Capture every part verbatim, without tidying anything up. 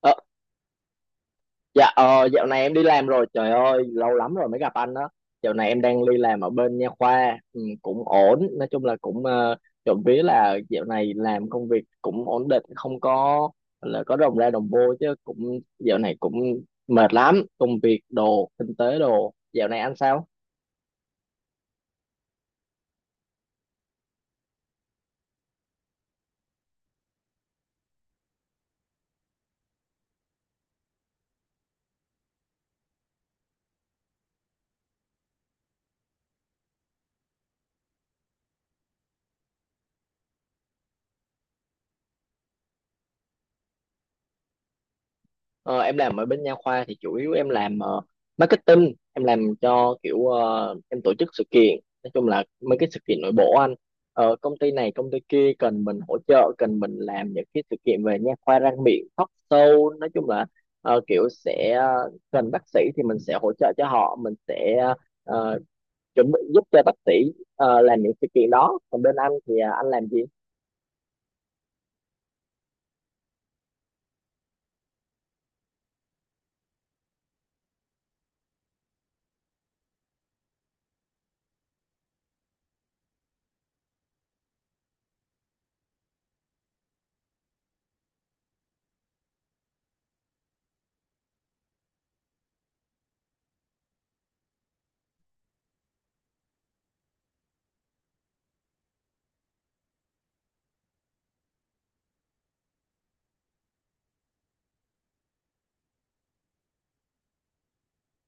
Ờ, dạ ờ, dạo này em đi làm rồi, trời ơi lâu lắm rồi mới gặp anh đó. Dạo này em đang đi làm ở bên nha khoa, ừ, cũng ổn, nói chung là cũng uh, trộm vía là dạo này làm công việc cũng ổn định, không có là có đồng ra đồng vô, chứ cũng dạo này cũng mệt lắm, công việc đồ, kinh tế đồ. Dạo này anh sao? Ờ, em làm ở bên nha khoa thì chủ yếu em làm ờ, marketing, em làm cho kiểu, ờ, em tổ chức sự kiện, nói chung là mấy cái sự kiện nội bộ anh. Ờ, công ty này công ty kia cần mình hỗ trợ, cần mình làm những cái sự kiện về nha khoa răng miệng, talk show, nói chung là ờ, kiểu sẽ ờ, cần bác sĩ thì mình sẽ hỗ trợ cho họ, mình sẽ ờ, chuẩn bị giúp cho bác sĩ ờ, làm những sự kiện đó. Còn bên anh thì ờ, anh làm gì?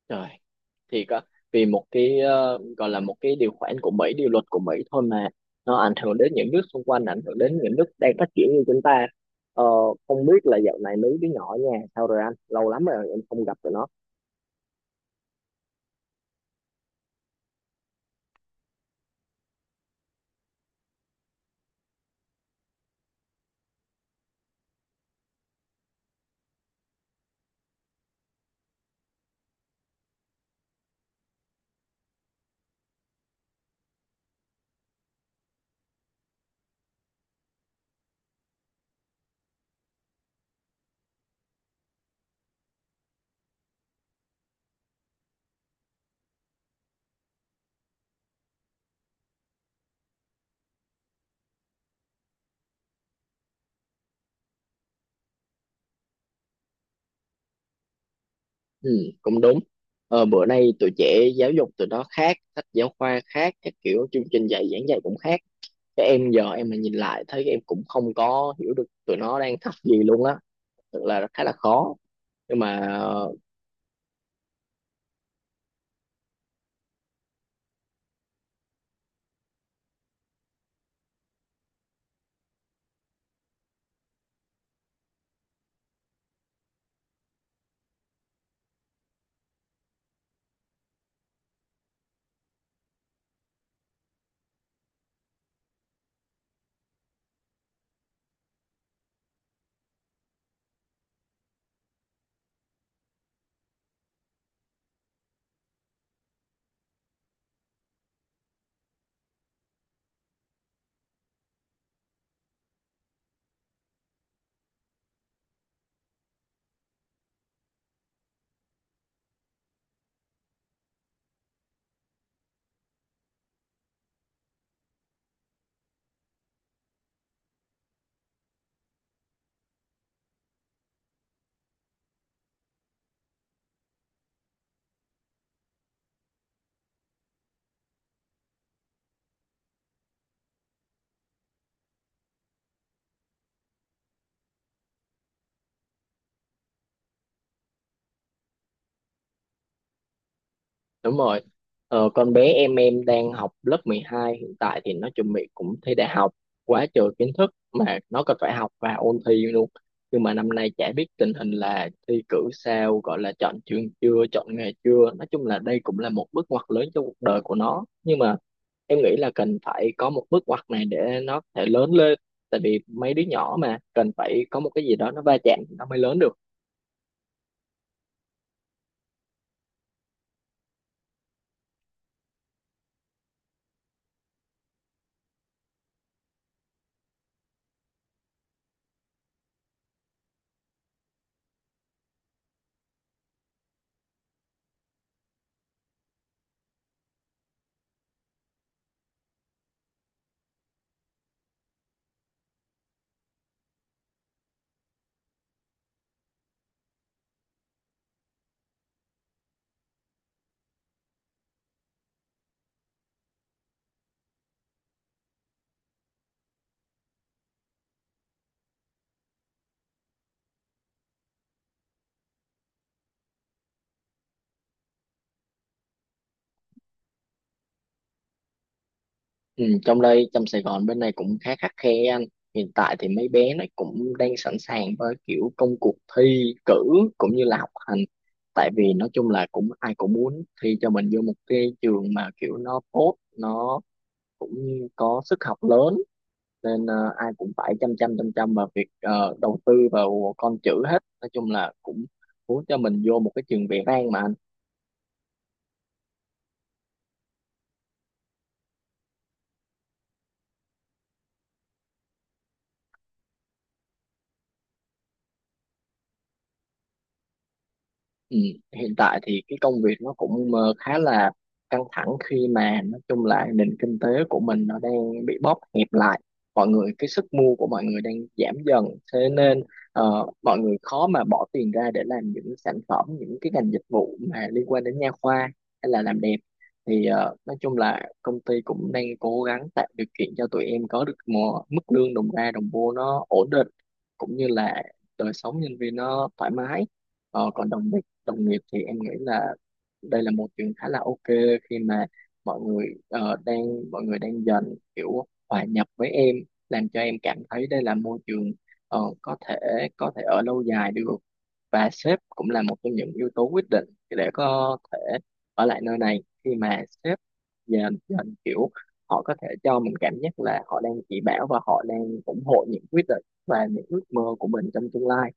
Trời, thì có, vì một cái ờ, gọi là một cái điều khoản của Mỹ, điều luật của Mỹ thôi mà nó ảnh hưởng đến những nước xung quanh, ảnh hưởng đến những nước đang phát triển như chúng ta. Ờ, không biết là dạo này mấy đứa nhỏ ở nhà sao rồi anh? Lâu lắm rồi em không gặp tụi nó. Ừ, cũng đúng. Ờ, bữa nay tụi trẻ giáo dục tụi nó khác, sách giáo khoa khác, các kiểu chương trình dạy giảng dạy cũng khác. Cái em giờ em mà nhìn lại thấy em cũng không có hiểu được tụi nó đang học gì luôn á. Thật là khá là khó. Nhưng mà đúng rồi. Ờ, con bé em em đang học lớp mười hai, hiện tại thì nó chuẩn bị cũng thi đại học, quá trời kiến thức mà nó còn phải học và ôn thi luôn. Nhưng mà năm nay chả biết tình hình là thi cử sao, gọi là chọn trường chưa, chọn nghề chưa. Nói chung là đây cũng là một bước ngoặt lớn trong cuộc đời của nó. Nhưng mà em nghĩ là cần phải có một bước ngoặt này để nó có thể lớn lên. Tại vì mấy đứa nhỏ mà cần phải có một cái gì đó nó va chạm thì nó mới lớn được. Ừ, trong đây trong Sài Gòn bên này cũng khá khắt khe anh. Hiện tại thì mấy bé nó cũng đang sẵn sàng với kiểu công cuộc thi cử cũng như là học hành, tại vì nói chung là cũng ai cũng muốn thi cho mình vô một cái trường mà kiểu nó tốt, nó cũng có sức học lớn, nên ờ, ai cũng phải chăm chăm chăm chăm vào việc ờ, đầu tư vào con chữ hết, nói chung là cũng muốn cho mình vô một cái trường vẻ vang mà. Ừ, hiện tại thì cái công việc nó cũng ờ, khá là căng thẳng, khi mà nói chung là nền kinh tế của mình nó đang bị bóp hẹp lại, mọi người cái sức mua của mọi người đang giảm dần, thế nên ờ, mọi người khó mà bỏ tiền ra để làm những sản phẩm, những cái ngành dịch vụ mà liên quan đến nha khoa hay là làm đẹp. Thì ờ, nói chung là công ty cũng đang cố gắng tạo điều kiện cho tụi em có được một mức lương đồng ra đồng vô nó ổn định, cũng như là đời sống nhân viên nó thoải mái. Ờ, còn đồng đồng nghiệp thì em nghĩ là đây là một chuyện khá là ok, khi mà mọi người ờ, đang mọi người đang dần kiểu hòa nhập với em, làm cho em cảm thấy đây là môi trường ờ, có thể, có thể ở lâu dài được. Và sếp cũng là một trong những yếu tố quyết định để có thể ở lại nơi này, khi mà sếp dần dần kiểu họ có thể cho mình cảm giác là họ đang chỉ bảo và họ đang ủng hộ những quyết định và những ước mơ của mình trong tương lai.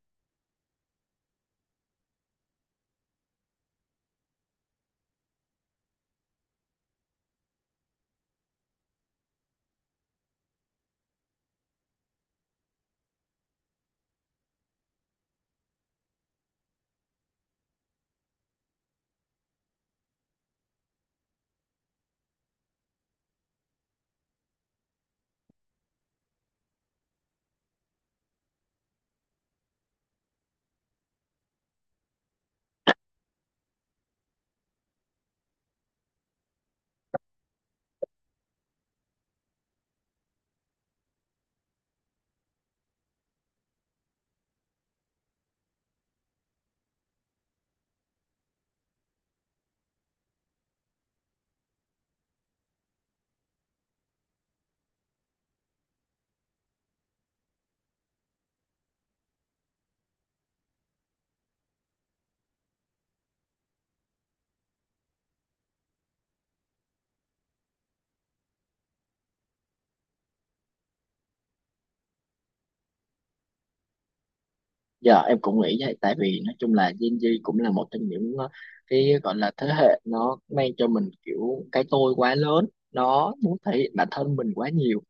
Dạ em cũng nghĩ vậy, tại vì nói chung là Gen Z cũng là một trong những ờ, cái gọi là thế hệ nó mang cho mình kiểu cái tôi quá lớn, nó muốn thể hiện bản thân mình quá nhiều,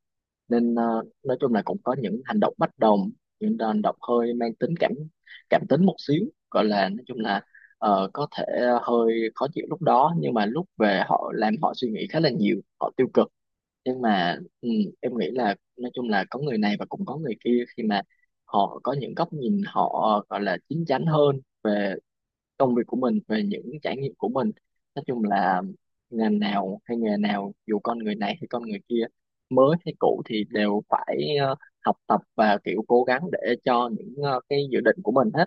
nên ờ, nói chung là cũng có những hành động bất đồng, những hành động hơi mang tính cảm, cảm tính một xíu, gọi là nói chung là ờ, có thể ờ, hơi khó chịu lúc đó, nhưng mà lúc về họ làm họ suy nghĩ khá là nhiều, họ tiêu cực. Nhưng mà ừ, em nghĩ là nói chung là có người này và cũng có người kia, khi mà họ có những góc nhìn họ gọi là chín chắn hơn về công việc của mình, về những trải nghiệm của mình. Nói chung là ngành nào hay nghề nào, dù con người này hay con người kia, mới hay cũ thì đều phải ờ, học tập và kiểu cố gắng để cho những ờ, cái dự định của mình hết.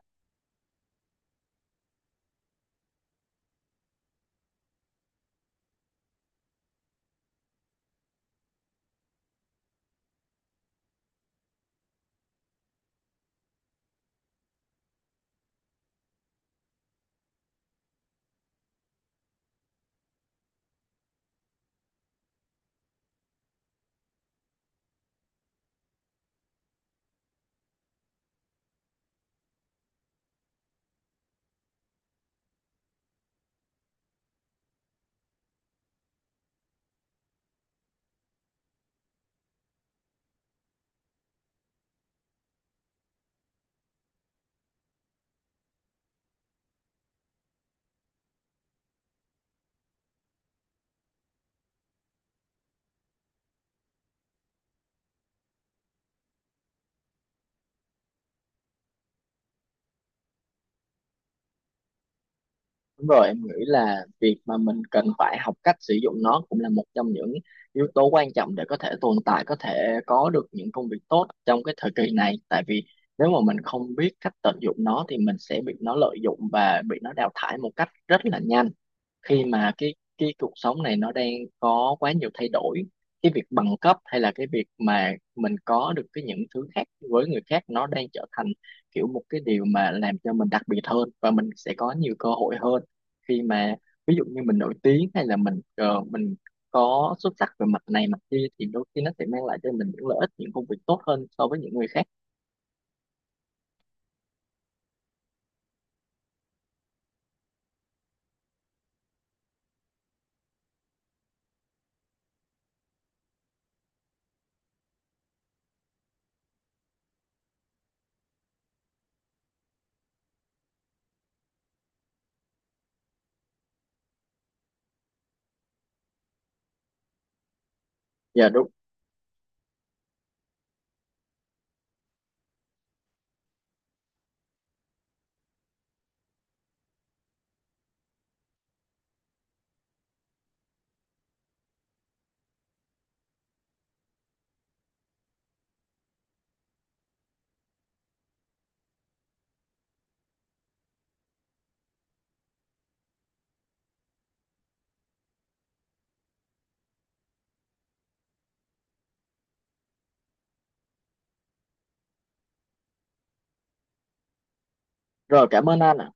Đúng rồi, em nghĩ là việc mà mình cần phải học cách sử dụng nó cũng là một trong những yếu tố quan trọng để có thể tồn tại, có thể có được những công việc tốt trong cái thời kỳ này. Tại vì nếu mà mình không biết cách tận dụng nó thì mình sẽ bị nó lợi dụng và bị nó đào thải một cách rất là nhanh, khi mà cái cái cuộc sống này nó đang có quá nhiều thay đổi. Cái việc bằng cấp hay là cái việc mà mình có được cái những thứ khác với người khác, nó đang trở thành kiểu một cái điều mà làm cho mình đặc biệt hơn và mình sẽ có nhiều cơ hội hơn, khi mà ví dụ như mình nổi tiếng hay là mình ờ, mình có xuất sắc về mặt này mặt kia thì đôi khi nó sẽ mang lại cho mình những lợi ích, những công việc tốt hơn so với những người khác. Dạ đúng rồi, cảm ơn anh ạ.